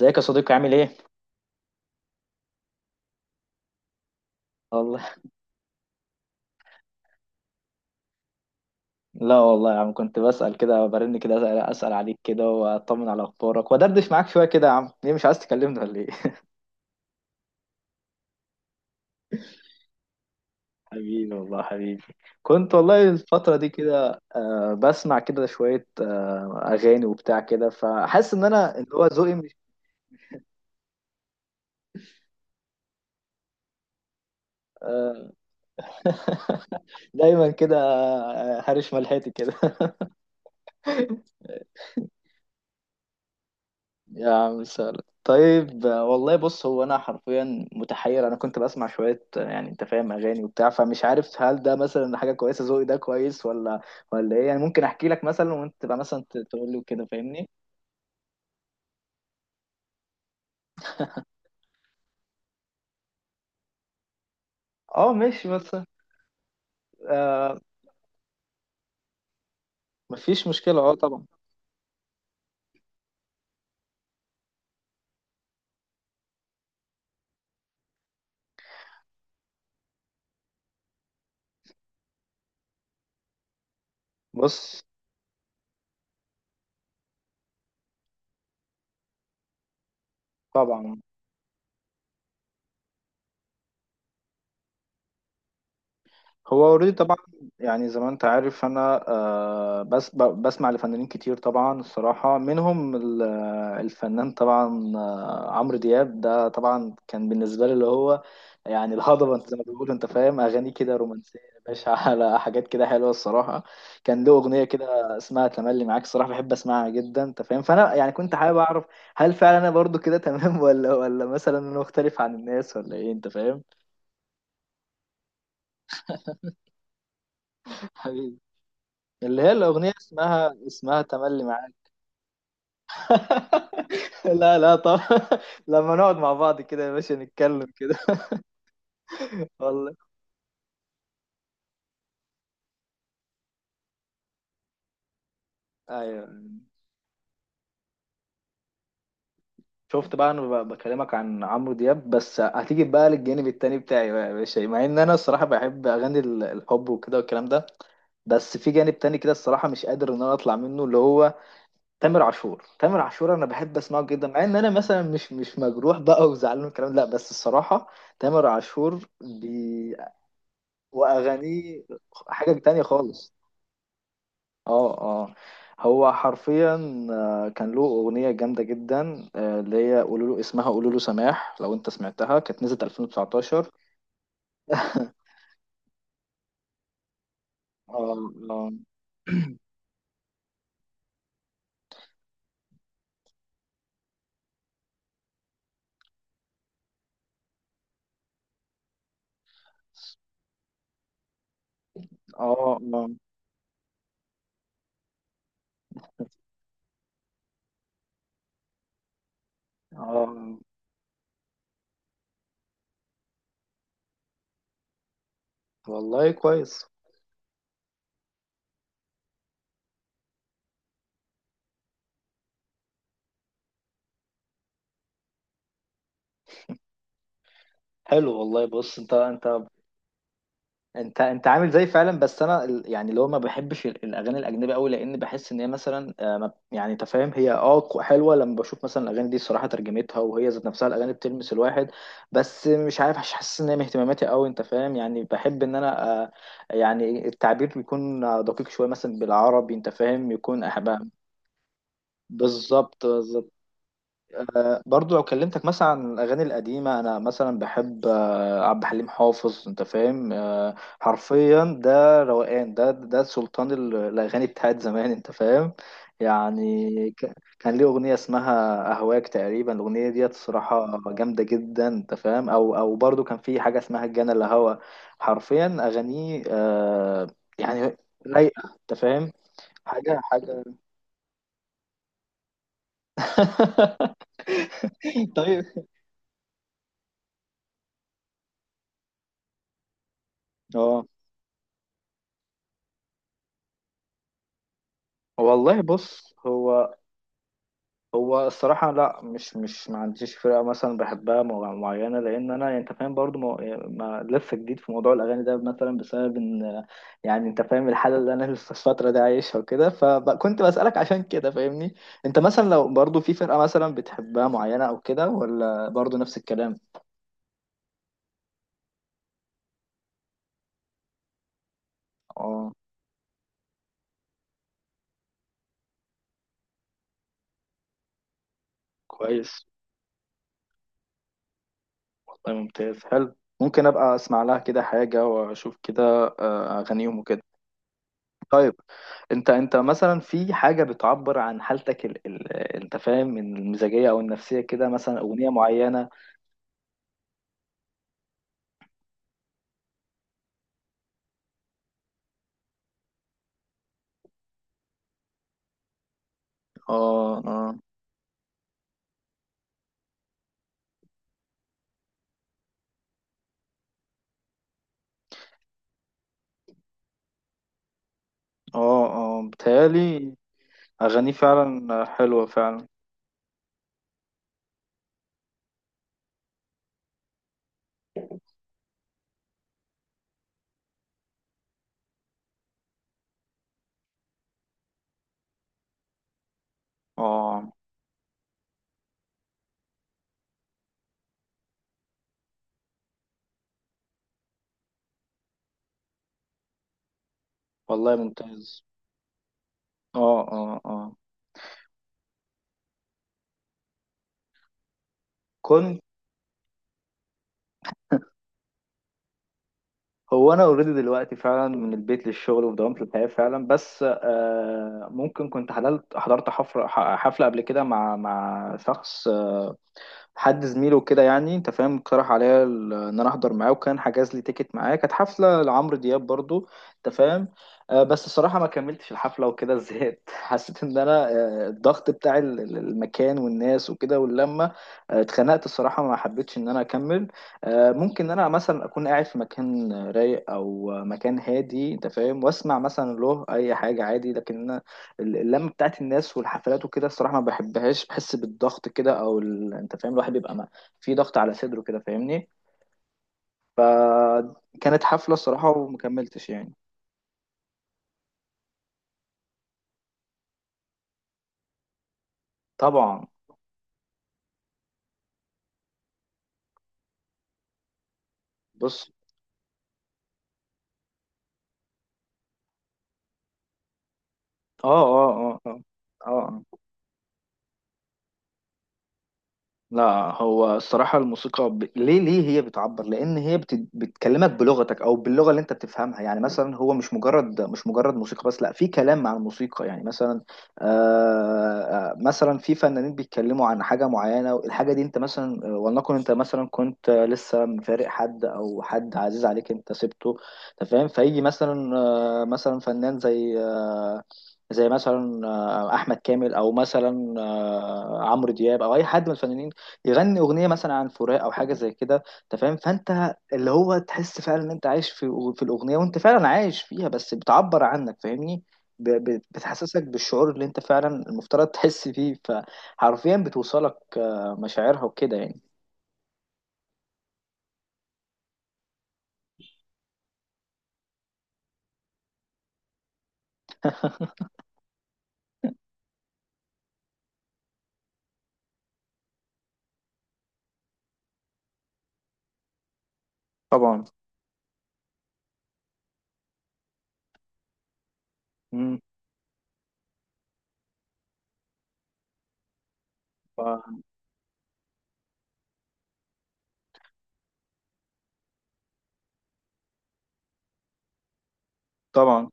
ازيك يا صديقي، عامل ايه؟ والله. لا والله يا عم، كنت بسأل كده، برن كده أسأل عليك كده، واطمن على اخبارك وادردش معاك شوية كده. يا عم ليه مش عايز تكلمني ولا ايه؟ حبيبي والله، حبيبي. كنت والله الفترة دي كده بسمع كده شوية أغاني وبتاع كده، فحاسس إن أنا اللي هو ذوقي مش... دايما كده، هرش ملحتي كده. يا عم سهل. طيب، والله بص، هو انا حرفيا متحير، انا كنت بسمع شويه، يعني انت فاهم اغاني وبتاع، فمش عارف هل ده مثلا حاجه كويسه، ذوقي ده كويس ولا ايه؟ يعني ممكن احكي لك مثلا وانت تبقى مثلا تقول لي وكده، فاهمني. اه ماشي. بس آه مفيش مشكله، اه طبعا. بص. طبعا. هو اوريدي طبعا. يعني زي ما انت عارف انا، بس بسمع لفنانين كتير طبعا، الصراحة منهم الفنان طبعا، عمرو دياب. ده طبعا كان بالنسبة لي اللي هو يعني الهضبة. انت زي ما بيقولوا انت فاهم اغاني كده رومانسية يا باشا، على حاجات كده حلوة الصراحة. كان له اغنية كده اسمها تملي معاك، الصراحة بحب اسمعها جدا، انت فاهم، فانا يعني كنت حابب اعرف هل فعلا انا برضو كده تمام ولا مثلا انا مختلف عن الناس، ولا ايه، انت فاهم. حبيبي. اللي هي الأغنية اسمها تملي معاك. لا لا، طب لما نقعد مع بعض كده يا باشا، نتكلم كده. والله. أيوه. شفت بقى، انا بكلمك عن عمرو دياب، بس هتيجي بقى للجانب التاني بتاعي بقى يا باشا، مع ان انا الصراحه بحب اغاني الحب وكده والكلام ده. بس في جانب تاني كده الصراحه مش قادر ان انا اطلع منه، اللي هو تامر عاشور. تامر عاشور انا بحب اسمعه جدا، مع ان انا مثلا مش مجروح بقى وزعلان والكلام ده، لا بس الصراحه تامر عاشور بي، واغانيه حاجه تانية خالص. اه اه. هو حرفيا كان له اغنيه جامده جدا، اللي هي قولوا له، اسمها قولوا له سماح، لو انت سمعتها كانت نزلت 2019. اه اه اه اه آه. والله كويس. حلو والله. بص، انت انت انت عامل زي فعلا، بس انا يعني اللي هو ما بحبش الاغاني الاجنبيه قوي، لان بحس ان هي مثلا يعني انت فاهم هي اه حلوه، لما بشوف مثلا الاغاني دي الصراحه ترجمتها، وهي ذات نفسها الاغاني بتلمس الواحد. بس مش عارف، مش حاسس ان هي من اهتماماتي قوي، انت فاهم، يعني بحب ان انا يعني التعبير بيكون دقيق شويه مثلا بالعربي، انت فاهم، يكون أحبها. بالظبط بالظبط. برضو لو كلمتك مثلا عن الأغاني القديمة، أنا مثلا بحب عبد الحليم حافظ، أنت فاهم، حرفيا ده روقان، ده سلطان الأغاني بتاعت زمان، أنت فاهم. يعني كان ليه أغنية اسمها أهواك تقريبا، الأغنية ديت الصراحة جامدة جدا، أنت فاهم، أو برضو كان في حاجة اسمها الجنة، اللي هوا حرفيا أغانيه يعني رايقة، أنت فاهم. حاجة حاجة. طيب. اه والله بص. هو هو الصراحة لا، مش مش ما عنديش فرقة مثلا بحبها معينة، لأن أنا أنت فاهم برضو ما، لسه جديد في موضوع الأغاني ده مثلا بسبب إن، يعني أنت فاهم الحالة اللي أنا لسه الفترة دي عايشها وكده، فكنت بسألك عشان كده فاهمني. أنت مثلا لو برضو في فرقة مثلا بتحبها معينة أو كده، ولا برضو نفس الكلام؟ أه كويس. والله ممتاز. حلو. ممكن أبقى أسمع لها كده حاجة وأشوف كده أغانيهم وكده. طيب. انت مثلا في حاجه بتعبر عن حالتك، انت فاهم، من المزاجيه او النفسيه كده، مثلا اغنيه معينه. اه اه اه اه، بتهيالي اغانيه فعلا حلوه فعلا. اه والله ممتاز. اه اه اه. كنت هو انا اوريدي دلوقتي فعلا من البيت للشغل ودوامة الحياه فعلا، بس آه ممكن كنت حضرت حفله قبل كده مع شخص، حد زميله كده يعني انت فاهم، اقترح عليا ان انا احضر معاه، وكان حجز لي تيكت معاه، كانت حفله لعمرو دياب برضو، انت فاهم. بس الصراحه ما كملتش الحفله وكده، زهقت. حسيت ان انا، الضغط بتاع المكان والناس وكده واللمه، اتخنقت الصراحه، ما حبيتش ان انا اكمل. ممكن ان انا مثلا اكون قاعد في مكان رايق او مكان هادي، انت فاهم، واسمع مثلا له اي حاجه عادي، لكن اللمه بتاعت الناس والحفلات وكده الصراحه ما بحبهاش، بحس بالضغط كده، او انت فاهم الواحد بيبقى ما... في ضغط على صدره كده، فاهمني. فكانت حفله الصراحه ومكملتش يعني. طبعا. بص. اه اه اه اه اه آه. لا. هو الصراحة الموسيقى ليه هي بتعبر؟ لأن هي بتكلمك بلغتك أو باللغة اللي أنت بتفهمها، يعني مثلا هو مش مجرد موسيقى بس، لا، في كلام مع الموسيقى. يعني مثلا آه... مثلا في فنانين بيتكلموا عن حاجة معينة، الحاجة دي أنت مثلا، ولنكن أنت مثلا كنت لسه مفارق حد، أو حد عزيز عليك أنت سبته، أنت فاهم؟ فيجي مثلا مثلا فنان زي زي مثلا احمد كامل، او مثلا عمرو دياب، او اي حد من الفنانين، يغني اغنيه مثلا عن فراق او حاجه زي كده، انت فاهم، فانت اللي هو تحس فعلا ان انت عايش في الاغنيه، وانت فعلا عايش فيها، بس بتعبر عنك، فاهمني. بتحسسك بالشعور اللي انت فعلا المفترض تحس فيه، فحرفيا بتوصلك مشاعرها وكده يعني. طبعا. مم. ف- طبعا.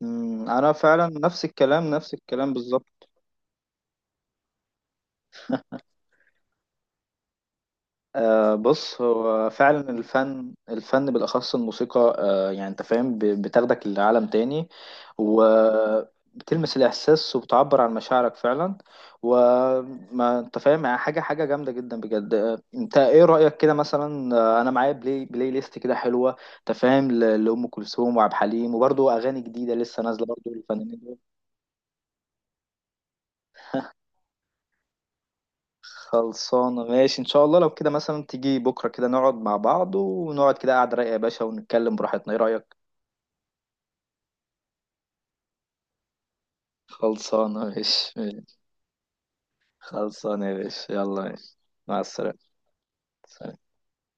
مم. انا فعلا نفس الكلام، نفس الكلام بالظبط. بص، هو فعلا الفن، الفن بالأخص الموسيقى، يعني أنت فاهم، بتاخدك لعالم تاني، وبتلمس الإحساس، وبتعبر عن مشاعرك فعلا. وما أنت فاهم يعني، حاجة حاجة جامدة جدا بجد. أنت إيه رأيك كده مثلا، أنا معايا بلاي ليست كده حلوة، أنت فاهم، لأم كلثوم وعبد الحليم، وبرضه أغاني جديدة لسه نازلة برضه الفنانين دول. خلصانة ماشي إن شاء الله، لو كده مثلا تيجي بكرة كده نقعد مع بعض، ونقعد كده قعدة رايقة يا باشا، ونتكلم براحتنا، إيه رأيك؟ خلصانة ماشي ماشي. خلصانة يا باشا، يلا ماشي. مع السلامة